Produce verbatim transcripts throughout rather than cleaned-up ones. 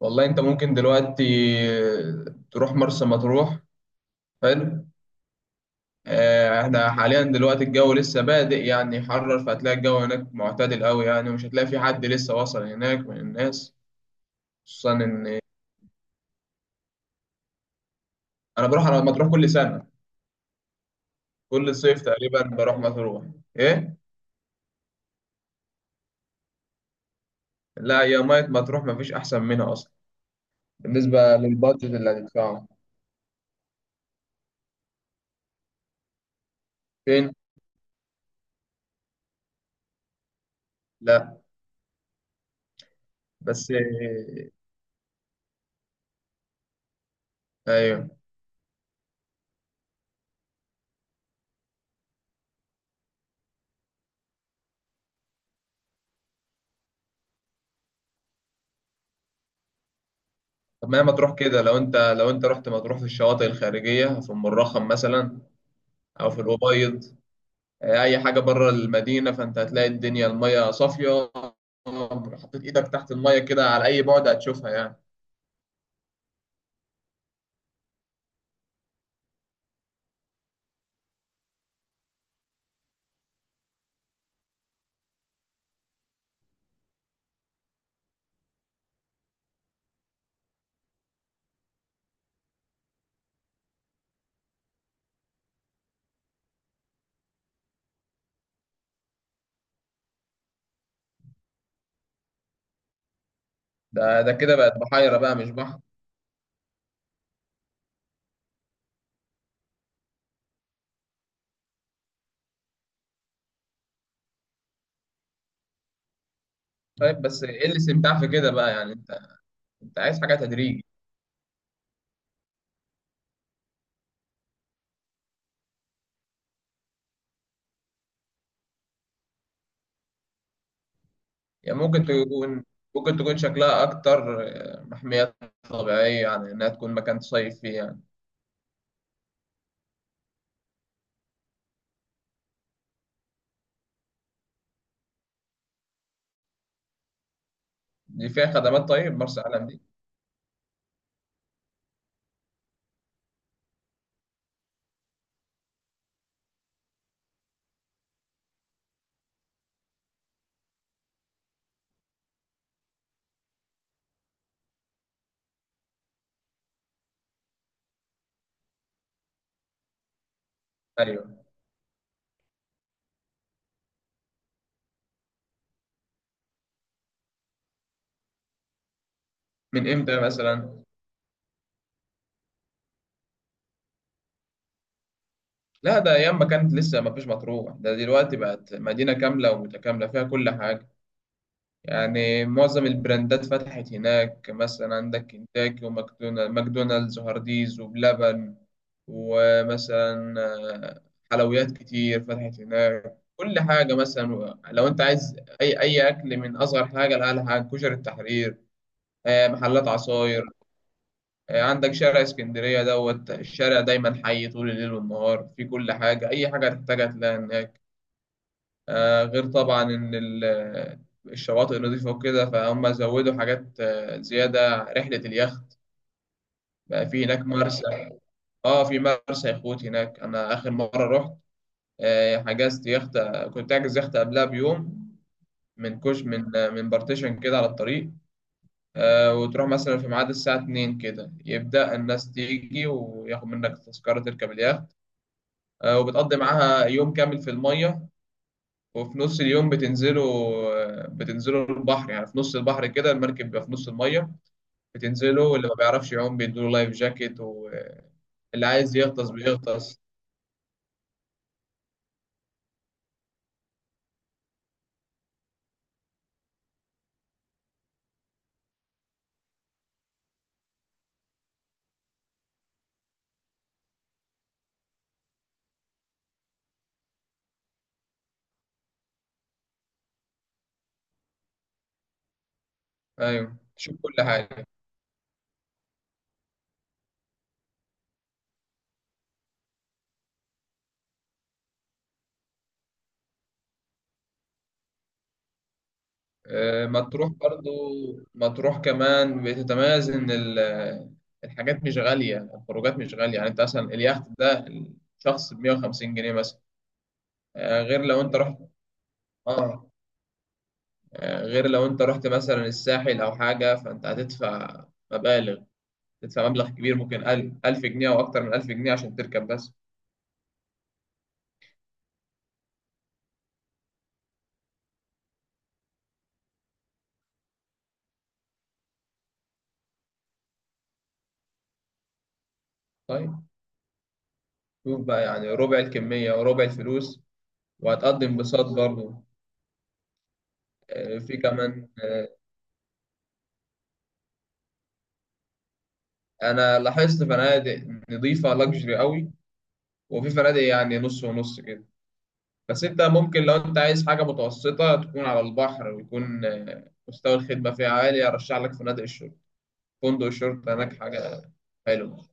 والله انت ممكن دلوقتي تروح مرسى مطروح. حلو. آه، احنا حاليا دلوقتي الجو لسه بادئ يعني يحرر، فهتلاقي الجو هناك معتدل قوي يعني، ومش هتلاقي في حد لسه وصل هناك من الناس، خصوصا ان انا بروح على مطروح كل سنة، كل صيف تقريبا بروح مطروح. ايه. لا، يا مية مطروح مفيش احسن منها اصلا. بالنسبة للبادجت اللي هتدفعه. فين؟ لا. بس آه، ايوه. طب ما هي مطروح كده، لو انت لو انت رحت مطروح في الشواطئ الخارجية، في ام الرخم مثلا او في الأبيض. آه، اي حاجه بره المدينه فانت هتلاقي الدنيا الميه صافيه. حطيت ايدك تحت الميه كده على اي بعد هتشوفها يعني. ده ده كده بقت بحيره بقى مش بحر. طيب بس ايه الاستمتاع في كده بقى، يعني انت انت عايز حاجه تدريجي. يعني ممكن تكون ممكن تكون شكلها اكتر، آه، محميات طبيعيه يعني، انها تكون مكان تصيف فيه يعني. دي فيها خدمات؟ طيب مرسى علم دي. ايوه. من امتى مثلا؟ لا، ده ايام ما كانت لسه ما فيش مطروح، ده دلوقتي بقت مدينه كامله ومتكامله فيها كل حاجه. يعني معظم البراندات فتحت هناك، مثلا عندك كنتاكي وماكدونالدز وهارديز وبلبن، ومثلا آه، حلويات كتير فتحت هناك. كل حاجة مثلا، لو أنت عايز أي أي أكل من أصغر حاجة لأعلى حاجة، كشري التحرير، آه، محلات عصاير. آه، عندك شارع اسكندرية دوت، الشارع دايما حي طول الليل والنهار، في كل حاجة، أي حاجة هتحتاجها تلاقيها هناك. آه، غير طبعا ان ال- الشواطئ نظيفه وكده، فهم زودوا حاجات، آه، زياده رحله اليخت. بقى في هناك مرسى. اه في مرسى يخوت هناك. انا اخر مره رحت، آه، حجزت يخت، كنت حاجز يخت قبلها بيوم، من كوش، من آه، من بارتيشن كده على الطريق. آه، وتروح مثلا في ميعاد الساعه اتنين كده، يبدا الناس تيجي وياخد منك تذكره تركب اليخت. آه، وبتقضي معاها يوم كامل في الميه، وفي نص اليوم بتنزلوا بتنزلوا البحر، يعني في نص البحر كده المركب بيبقى في نص المية. بتنزلوا، واللي ما بيعرفش يعوم بيدوا له لايف جاكيت، واللي عايز يغطس بيغطس. ايوه، تشوف كل حاجة. آه، مطروح برضو، مطروح كمان بتتميز إن ال- الحاجات مش غالية، الخروجات مش غالية. يعني أنت مثلا اليخت ده الشخص ب مية وخمسين جنيه مثلا. آه، غير لو أنت رحت، آه آه، غير لو أنت رحت مثلا الساحل أو حاجة، فأنت هتدفع مبالغ، تدفع مبلغ كبير، ممكن ألف ألف جنيه او اكتر من ألف جنيه عشان تركب بس. طيب شوف بقى، يعني ربع الكميه وربع الفلوس، وهتقضي انبساط برضه. آه، في كمان آه، انا لاحظت فنادق نظيفه لاكجري قوي، وفي فنادق يعني نص ونص كده. بس انت ممكن لو انت عايز حاجه متوسطه تكون على البحر، ويكون آه، مستوى الخدمه فيها عالي، ارشح لك فنادق الشرطه. فندق الشرطه هناك حاجه حلوه.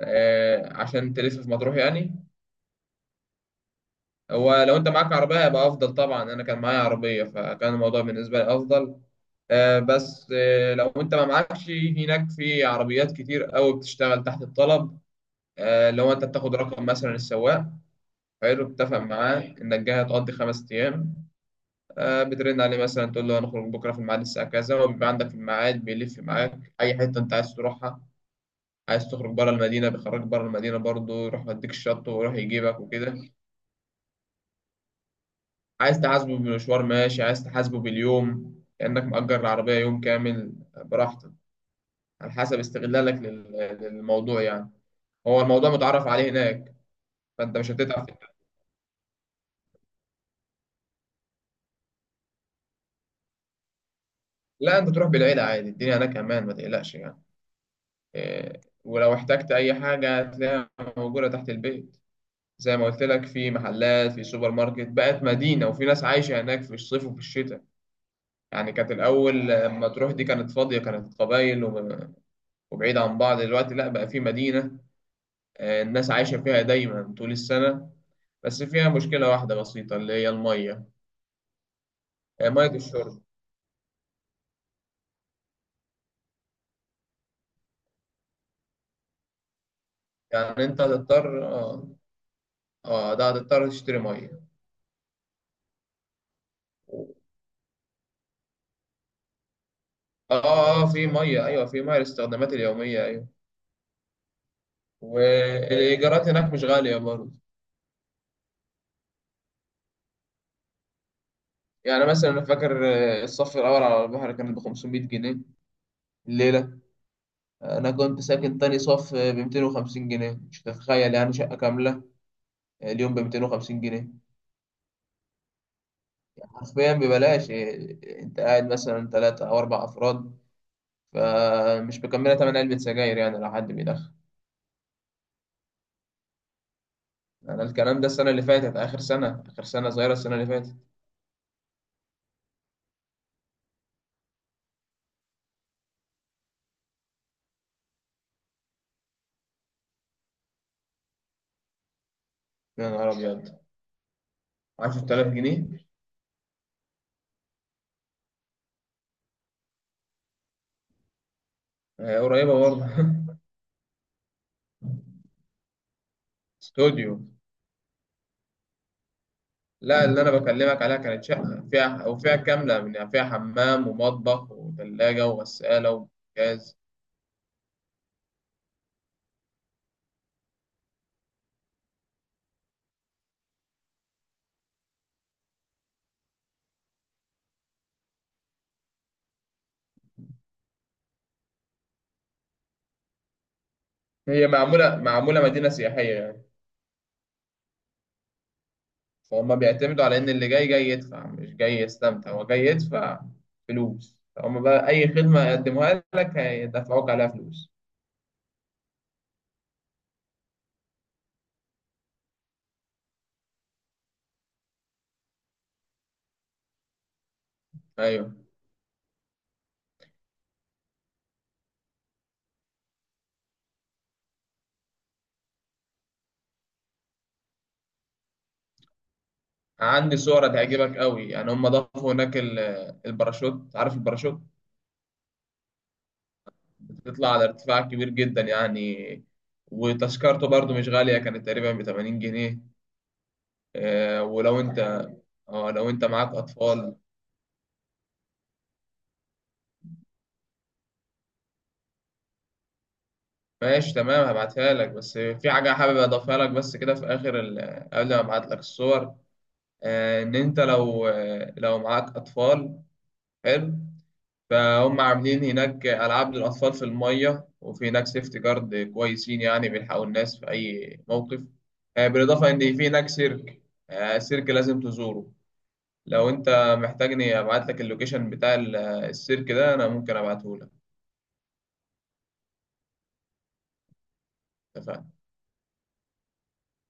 آه، عشان تلف في مطروح يعني. هو لو انت معاك عربية هيبقى افضل طبعا، انا كان معايا عربية فكان الموضوع بالنسبة لي افضل. آه، بس آه، لو انت ما معكش، هناك في عربيات كتير قوي بتشتغل تحت الطلب. آه، لو انت بتاخد رقم مثلا السواق، حلو، بتتفق معاه انك جاي هتقضي خمس ايام، آه، بترن عليه مثلا تقول له هنخرج بكره في الميعاد الساعه كذا، وبيبقى عندك في الميعاد، بيلف معاك اي حته انت عايز تروحها. عايز تخرج بره المدينه بيخرجك بره المدينه، برضه يروح يوديك الشط ويروح يجيبك وكده. عايز تحاسبه بالمشوار ماشي، عايز تحاسبه باليوم كأنك مأجر العربية يوم كامل براحتك، على حسب استغلالك لل- للموضوع يعني. هو الموضوع متعرف عليه هناك، فأنت مش هتتعب في- لا، أنت تروح بالعيلة عادي، الدنيا هناك أمان ما تقلقش يعني. إيه، ولو احتجت أي حاجة هتلاقيها موجودة تحت البيت، زي ما قلت لك في محلات، في سوبر ماركت، بقت مدينة، وفي ناس عايشة هناك في الصيف وفي الشتاء. يعني كانت الأول لما تروح دي كانت فاضية، كانت قبايل وب- وبعيدة عن بعض، دلوقتي لا بقى في مدينة، آه، الناس عايشة فيها دايما طول السنة. بس فيها مشكلة واحدة بسيطة اللي هي المية، آه، مية الشرب. يعني أنت هتضطر آه آه، ده هتضطر تشتري مية. آه آه في مية، أيوة، في مية للاستخدامات اليومية، أيوة. والإيجارات هناك مش غالية برضه. يعني مثلا أنا فاكر آه، الصف الأول على البحر كان ب خمسمية جنيه الليلة. أنا كنت ساكن تاني صف ب ميتين وخمسين جنيه، مش تتخيل يعني، شقة كاملة آه، اليوم ب ميتين وخمسين جنيه. حرفيا ببلاش. إيه، انت قاعد مثلا ثلاثة او اربع افراد، فمش مكمله تمن علبة سجاير يعني لو حد بيدخن. انا الكلام ده السنة اللي فاتت، اخر سنة، اخر سنة صغيرة، السنة اللي فاتت. يا نهار ابيض! عشرة آلاف جنيه! هي قريبة برضه استوديو. لا، اللي انا بكلمك عليها كانت شقة فيها او فيها كاملة، من فيها حمام ومطبخ وثلاجة وغسالة وجاز. هي معمولة، معمولة مدينة سياحية يعني. فهم بيعتمدوا على إن اللي جاي جاي يدفع، مش جاي يستمتع، هو جاي يدفع فلوس، فهم بقى أي خدمة يقدموها لك هيدفعوك عليها فلوس. أيوه. عندي صورة تعجبك قوي، يعني هم ضافوا هناك ال- الباراشوت، عارف الباراشوت، بتطلع على ارتفاع كبير جدا يعني. وتذكرته برضو مش غالية، كانت تقريبا ب تمانين جنيه. آه، ولو انت، اه لو انت معاك اطفال. ماشي، تمام، هبعتها لك، بس في حاجة حابب اضيفها لك بس كده في اخر ال... قبل ما ابعت لك الصور، آه، ان انت لو، آه، لو معاك اطفال، حلو، فهم عاملين هناك العاب للاطفال في الميه، وفي هناك سيفتي جارد كويسين يعني بيلحقوا الناس في اي موقف. آه، بالاضافه ان في هناك سيرك، آه، سيرك لازم تزوره. لو انت محتاجني ابعت لك اللوكيشن بتاع ال- السيرك ده انا ممكن ابعته لك. اتفقنا.